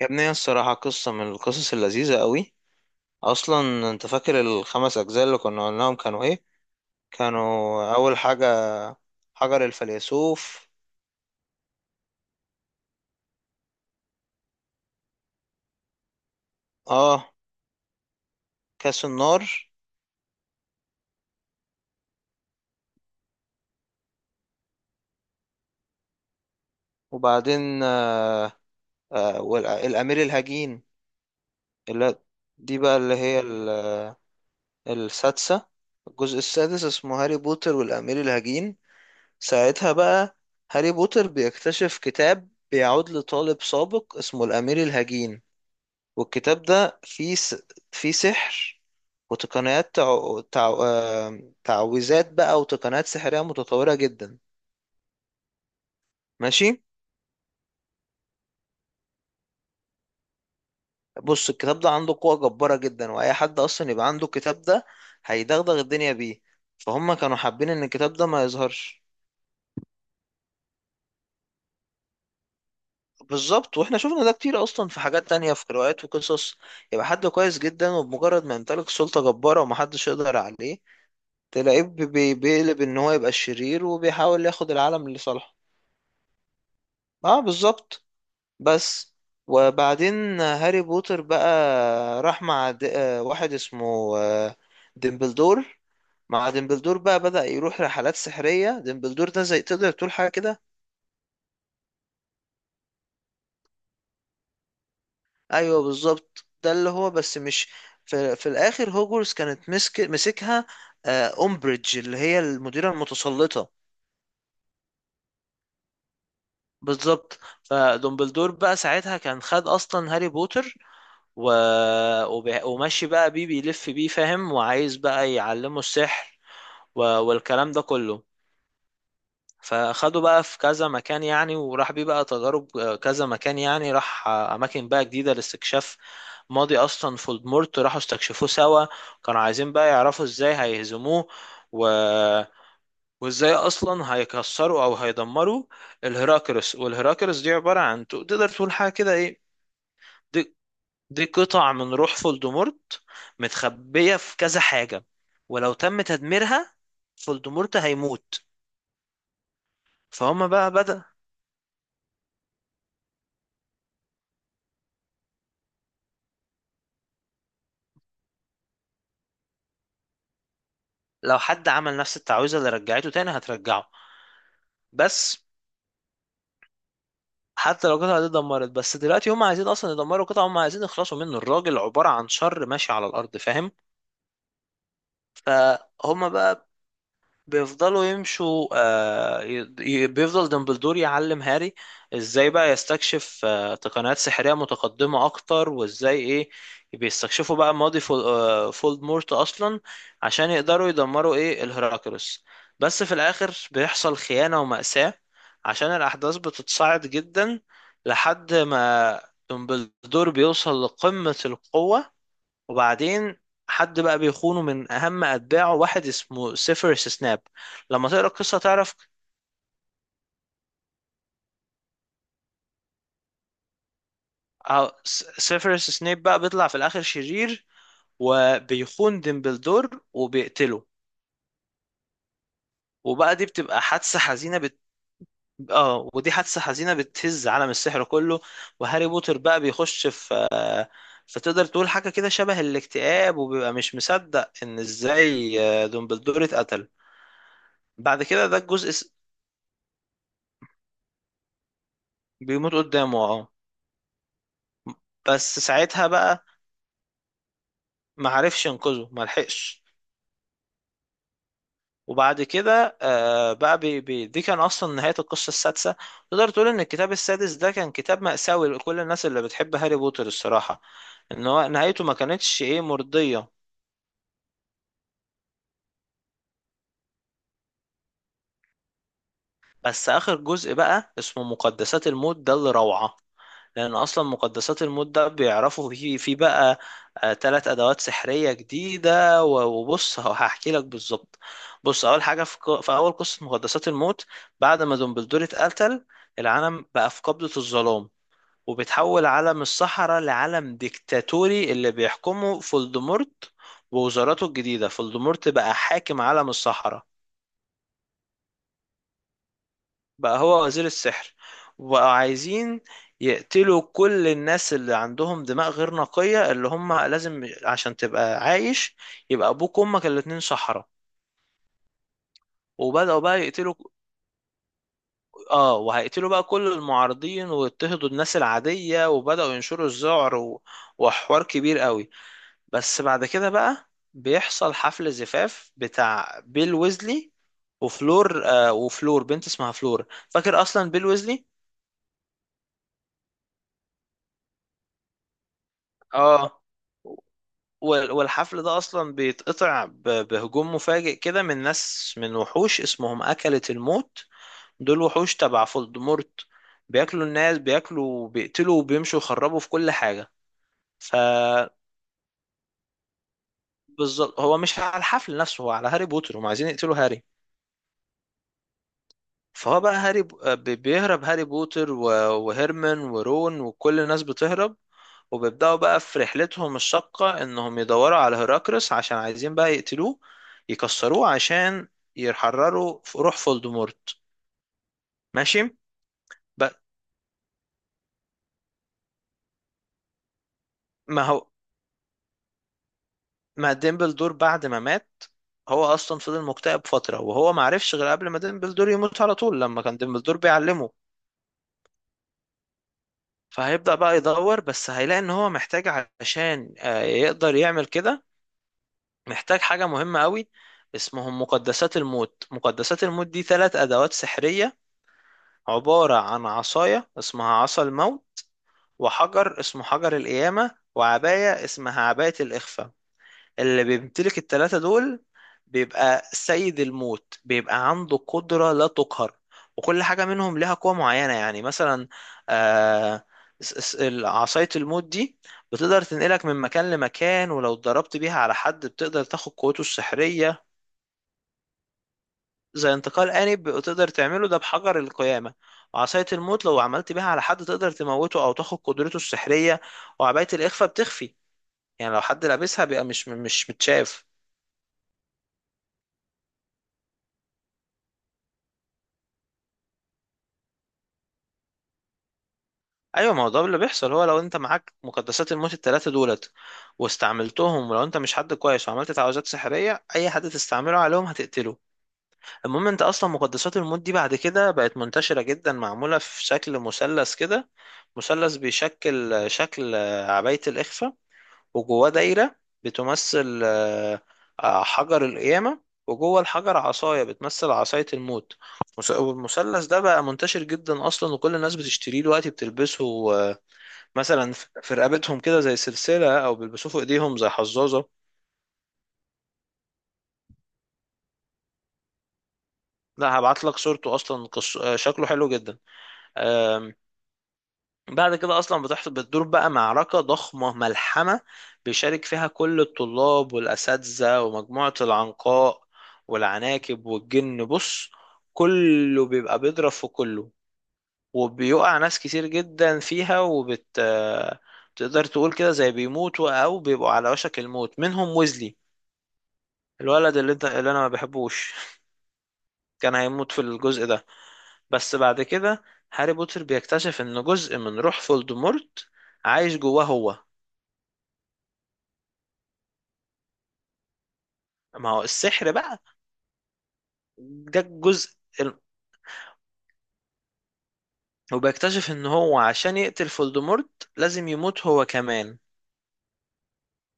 يا ابني، هي الصراحة قصة من القصص اللذيذة قوي. أصلا أنت فاكر الخمس أجزاء اللي كنا قلناهم كانوا إيه؟ كانوا أول حاجة حجر الفيلسوف. آه كاس النار. وبعدين والأمير الهجين اللي دي بقى اللي هي ال- السادسة. الجزء السادس اسمه هاري بوتر والأمير الهجين. ساعتها بقى هاري بوتر بيكتشف كتاب بيعود لطالب سابق اسمه الأمير الهجين. والكتاب ده فيه سحر وتقنيات تع... تع... آه، تعويذات بقى وتقنيات سحرية متطورة جدا. ماشي. بص الكتاب ده عنده قوة جبارة جدا، وأي حد أصلا يبقى عنده الكتاب ده هيدغدغ الدنيا بيه. فهم كانوا حابين إن الكتاب ده ما يظهرش. بالظبط، واحنا شفنا ده كتير اصلا في حاجات تانية في روايات وقصص. يبقى حد كويس جدا، وبمجرد ما يمتلك سلطة جبارة ومحدش يقدر عليه تلاقيه بيقلب ان هو يبقى الشرير وبيحاول ياخد العالم لصالحه. اه بالظبط. بس. وبعدين هاري بوتر بقى راح مع د... آه، واحد اسمه ديمبلدور. مع ديمبلدور بقى بدأ يروح رحلات سحرية. ديمبلدور ده زي تقدر تقول حاجة كده. ايوه بالظبط، ده اللي هو، بس مش في الاخر. هوجورس كانت مسكها أمبريدج اللي هي المديرة المتسلطة. بالظبط. فدومبلدور بقى ساعتها كان خد اصلا هاري بوتر و... وماشي بقى بيه، بيلف بيه، فاهم، وعايز بقى يعلمه السحر والكلام ده كله. فاخده بقى في كذا مكان يعني، وراح بيه بقى تجارب، كذا مكان يعني، راح اماكن بقى جديدة لاستكشاف ماضي اصلا فولدمورت، راحوا استكشفوه سوا. كانوا عايزين بقى يعرفوا ازاي هيهزموه، و... وازاي اصلا هيكسروا او هيدمروا الهراكرس. والهراكرس دي عباره عن تقدر تقول حاجه كده ايه. دي, دي قطع من روح فولدمورت متخبيه في كذا حاجه، ولو تم تدميرها فولدمورت هيموت. فهم بقى بدأ. لو حد عمل نفس التعويذه اللي رجعته تاني هترجعه. بس، حتى لو القطعه دي اتدمرت. بس دلوقتي هم عايزين اصلا يدمروا قطعه، هم عايزين يخلصوا منه. الراجل عباره عن شر ماشي على الارض، فاهم. فهم بقى بيفضلوا يمشوا، بيفضل دمبلدور يعلم هاري ازاي بقى يستكشف تقنيات سحرية متقدمة اكتر، وازاي ايه بيستكشفوا بقى ماضي فولدمورت اصلا عشان يقدروا يدمروا ايه الهراكروس. بس في الاخر بيحصل خيانة ومأساة عشان الاحداث بتتصاعد جدا لحد ما دمبلدور بيوصل لقمة القوة. وبعدين حد بقى بيخونه من اهم اتباعه، واحد اسمه سيفيروس سناب. لما تقرا القصه تعرف. سيفيروس سناب بقى بيطلع في الاخر شرير، وبيخون ديمبلدور وبيقتله. وبقى دي بتبقى حادثه حزينه بت... اه ودي حادثه حزينه بتهز عالم السحر كله. وهاري بوتر بقى بيخش في فتقدر تقول حاجه كده شبه الاكتئاب، وبيبقى مش مصدق ان ازاي ديمبلدور اتقتل. بعد كده ده الجزء س- بيموت قدامه اه. بس ساعتها بقى ما عرفش ينقذه، ما لحقش. وبعد كده آه بقى بي بي دي كان اصلا نهاية القصة السادسة. تقدر تقول ان الكتاب السادس ده كان كتاب مأساوي لكل الناس اللي بتحب هاري بوتر، الصراحة، ان هو نهايته ما كانتش ايه مرضية. بس اخر جزء بقى اسمه مقدسات الموت ده اللي روعة، لأن أصلا مقدسات الموت ده بيعرفوا في بقى تلات أدوات سحرية جديدة. وبص، هحكي لك بالظبط. بص، أول حاجة في أول قصة مقدسات الموت، بعد ما دومبلدور اتقتل، العالم بقى في قبضة الظلام، وبيتحول عالم الصحراء لعالم ديكتاتوري اللي بيحكمه فولدمورت ووزاراته الجديدة. فولدمورت بقى حاكم عالم الصحراء، بقى هو وزير السحر. وبقوا عايزين يقتلوا كل الناس اللي عندهم دماء غير نقية، اللي هم لازم عشان تبقى عايش يبقى أبوك وأمك الاتنين سحرة. وبدأوا بقى يقتلوا. اه وهيقتلوا بقى كل المعارضين، ويضطهدوا الناس العادية، وبدأوا ينشروا الذعر وحوار كبير قوي. بس بعد كده بقى بيحصل حفل زفاف بتاع بيل ويزلي وفلور. وفلور بنت اسمها فلور، فاكر أصلا بيل ويزلي. اه والحفل ده اصلا بيتقطع بهجوم مفاجئ كده من ناس، من وحوش اسمهم أكلة الموت. دول وحوش تبع فولدمورت، بياكلوا الناس، بياكلوا، بيقتلوا، وبيمشوا يخربوا في كل حاجة. فبالظبط. هو مش على الحفل نفسه، هو على هاري بوتر، هم عايزين يقتلوا هاري. فهو بقى بيهرب هاري بوتر و- وهيرمان ورون وكل الناس بتهرب. وبيبدأوا بقى في رحلتهم الشاقة إنهم يدوروا على هيراكرس عشان عايزين بقى يقتلوه، يكسروه، عشان يحرروا روح فولدمورت. ماشي. ب- ما هو، ما ديمبلدور بعد ما مات هو أصلا فضل مكتئب فترة، وهو ما عرفش غير قبل ما ديمبلدور يموت على طول لما كان ديمبلدور بيعلمه. فهيبدأ بقى يدور، بس هيلاقي إن هو محتاج، عشان يقدر يعمل كده، محتاج حاجة مهمة قوي اسمهم مقدسات الموت. مقدسات الموت دي ثلاث أدوات سحرية، عبارة عن عصاية اسمها عصا الموت، وحجر اسمه حجر القيامة، وعباية اسمها عباية الإخفاء. اللي بيمتلك التلاتة دول بيبقى سيد الموت، بيبقى عنده قدرة لا تقهر. وكل حاجة منهم لها قوة معينة يعني. مثلا آه عصاية الموت دي بتقدر تنقلك من مكان لمكان، ولو اتضربت بيها على حد بتقدر تاخد قوته السحرية. زي انتقال آني تقدر تعمله ده بحجر القيامة. وعصاية الموت لو عملت بيها على حد تقدر تموته أو تاخد قدرته السحرية. وعباية الإخفاء بتخفي، يعني لو حد لابسها بيبقى مش متشاف. أيوة، ما هو ده اللي بيحصل. هو لو أنت معاك مقدسات الموت التلاتة دولت واستعملتهم، ولو أنت مش حد كويس وعملت تعويذات سحرية أي حد تستعمله عليهم هتقتله. المهم، أنت أصلا مقدسات الموت دي بعد كده بقت منتشرة جدا، معمولة في شكل مثلث كده. مثلث بيشكل شكل عباية الإخفاء، وجواه دايرة بتمثل حجر القيامة، وجوه الحجر عصاية بتمثل عصاية الموت. والمثلث ده بقى منتشر جدا أصلا، وكل الناس بتشتريه دلوقتي بتلبسه، مثلا في رقبتهم كده زي سلسلة، أو بيلبسوه في إيديهم زي حظاظة. لا، هبعت لك صورته أصلا، شكله حلو جدا. بعد كده اصلا بتدور بقى معركه ضخمه ملحمه. بيشارك فيها كل الطلاب والاساتذه ومجموعه العنقاء والعناكب والجن. بص، كله بيبقى بيضرب في كله، وبيقع ناس كتير جدا فيها، وبت آه، تقدر تقول كده زي بيموتوا او بيبقوا على وشك الموت. منهم ويزلي، الولد اللي انا ما بحبوش، كان هيموت في الجزء ده. بس بعد كده هاري بوتر بيكتشف ان جزء من روح فولدمورت عايش جواه هو. ما هو السحر بقى. ده الجزء ال- وبيكتشف ان هو عشان يقتل فولدمورت لازم يموت هو كمان.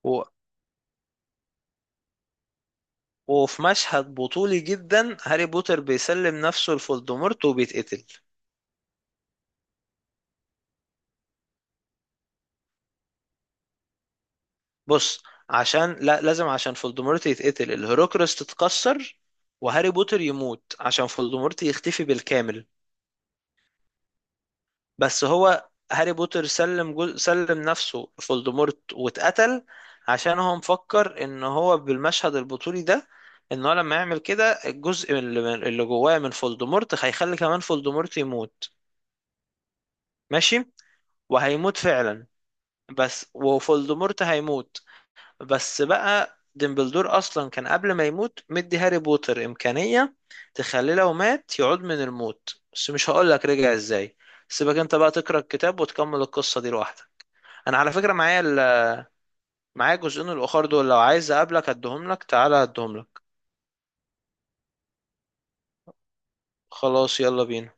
و... وفي مشهد بطولي جدا هاري بوتر بيسلم نفسه لفولدمورت وبيتقتل. بص، عشان لا، لازم عشان فولدمورت يتقتل الهوروكريس تتكسر، وهاري بوتر يموت عشان فولدمورت يختفي بالكامل. بس هو هاري بوتر سلم نفسه فولدمورت واتقتل، عشان هو مفكر ان هو بالمشهد البطولي ده، ان هو لما يعمل كده الجزء اللي جواه من فولدمورت هيخلي كمان فولدمورت يموت. ماشي. وهيموت فعلا. بس، وفولدمورت هيموت. بس بقى ديمبلدور اصلا كان قبل ما يموت مدي هاري بوتر امكانية تخليه لو مات يعود من الموت، بس مش هقولك رجع ازاي. سيبك انت بقى تقرا الكتاب وتكمل القصة دي لوحدك. انا على فكرة معايا معايا الجزئين الاخر دول، لو عايز اقابلك اديهم لك، تعالى اديهم لك. خلاص، يلا بينا.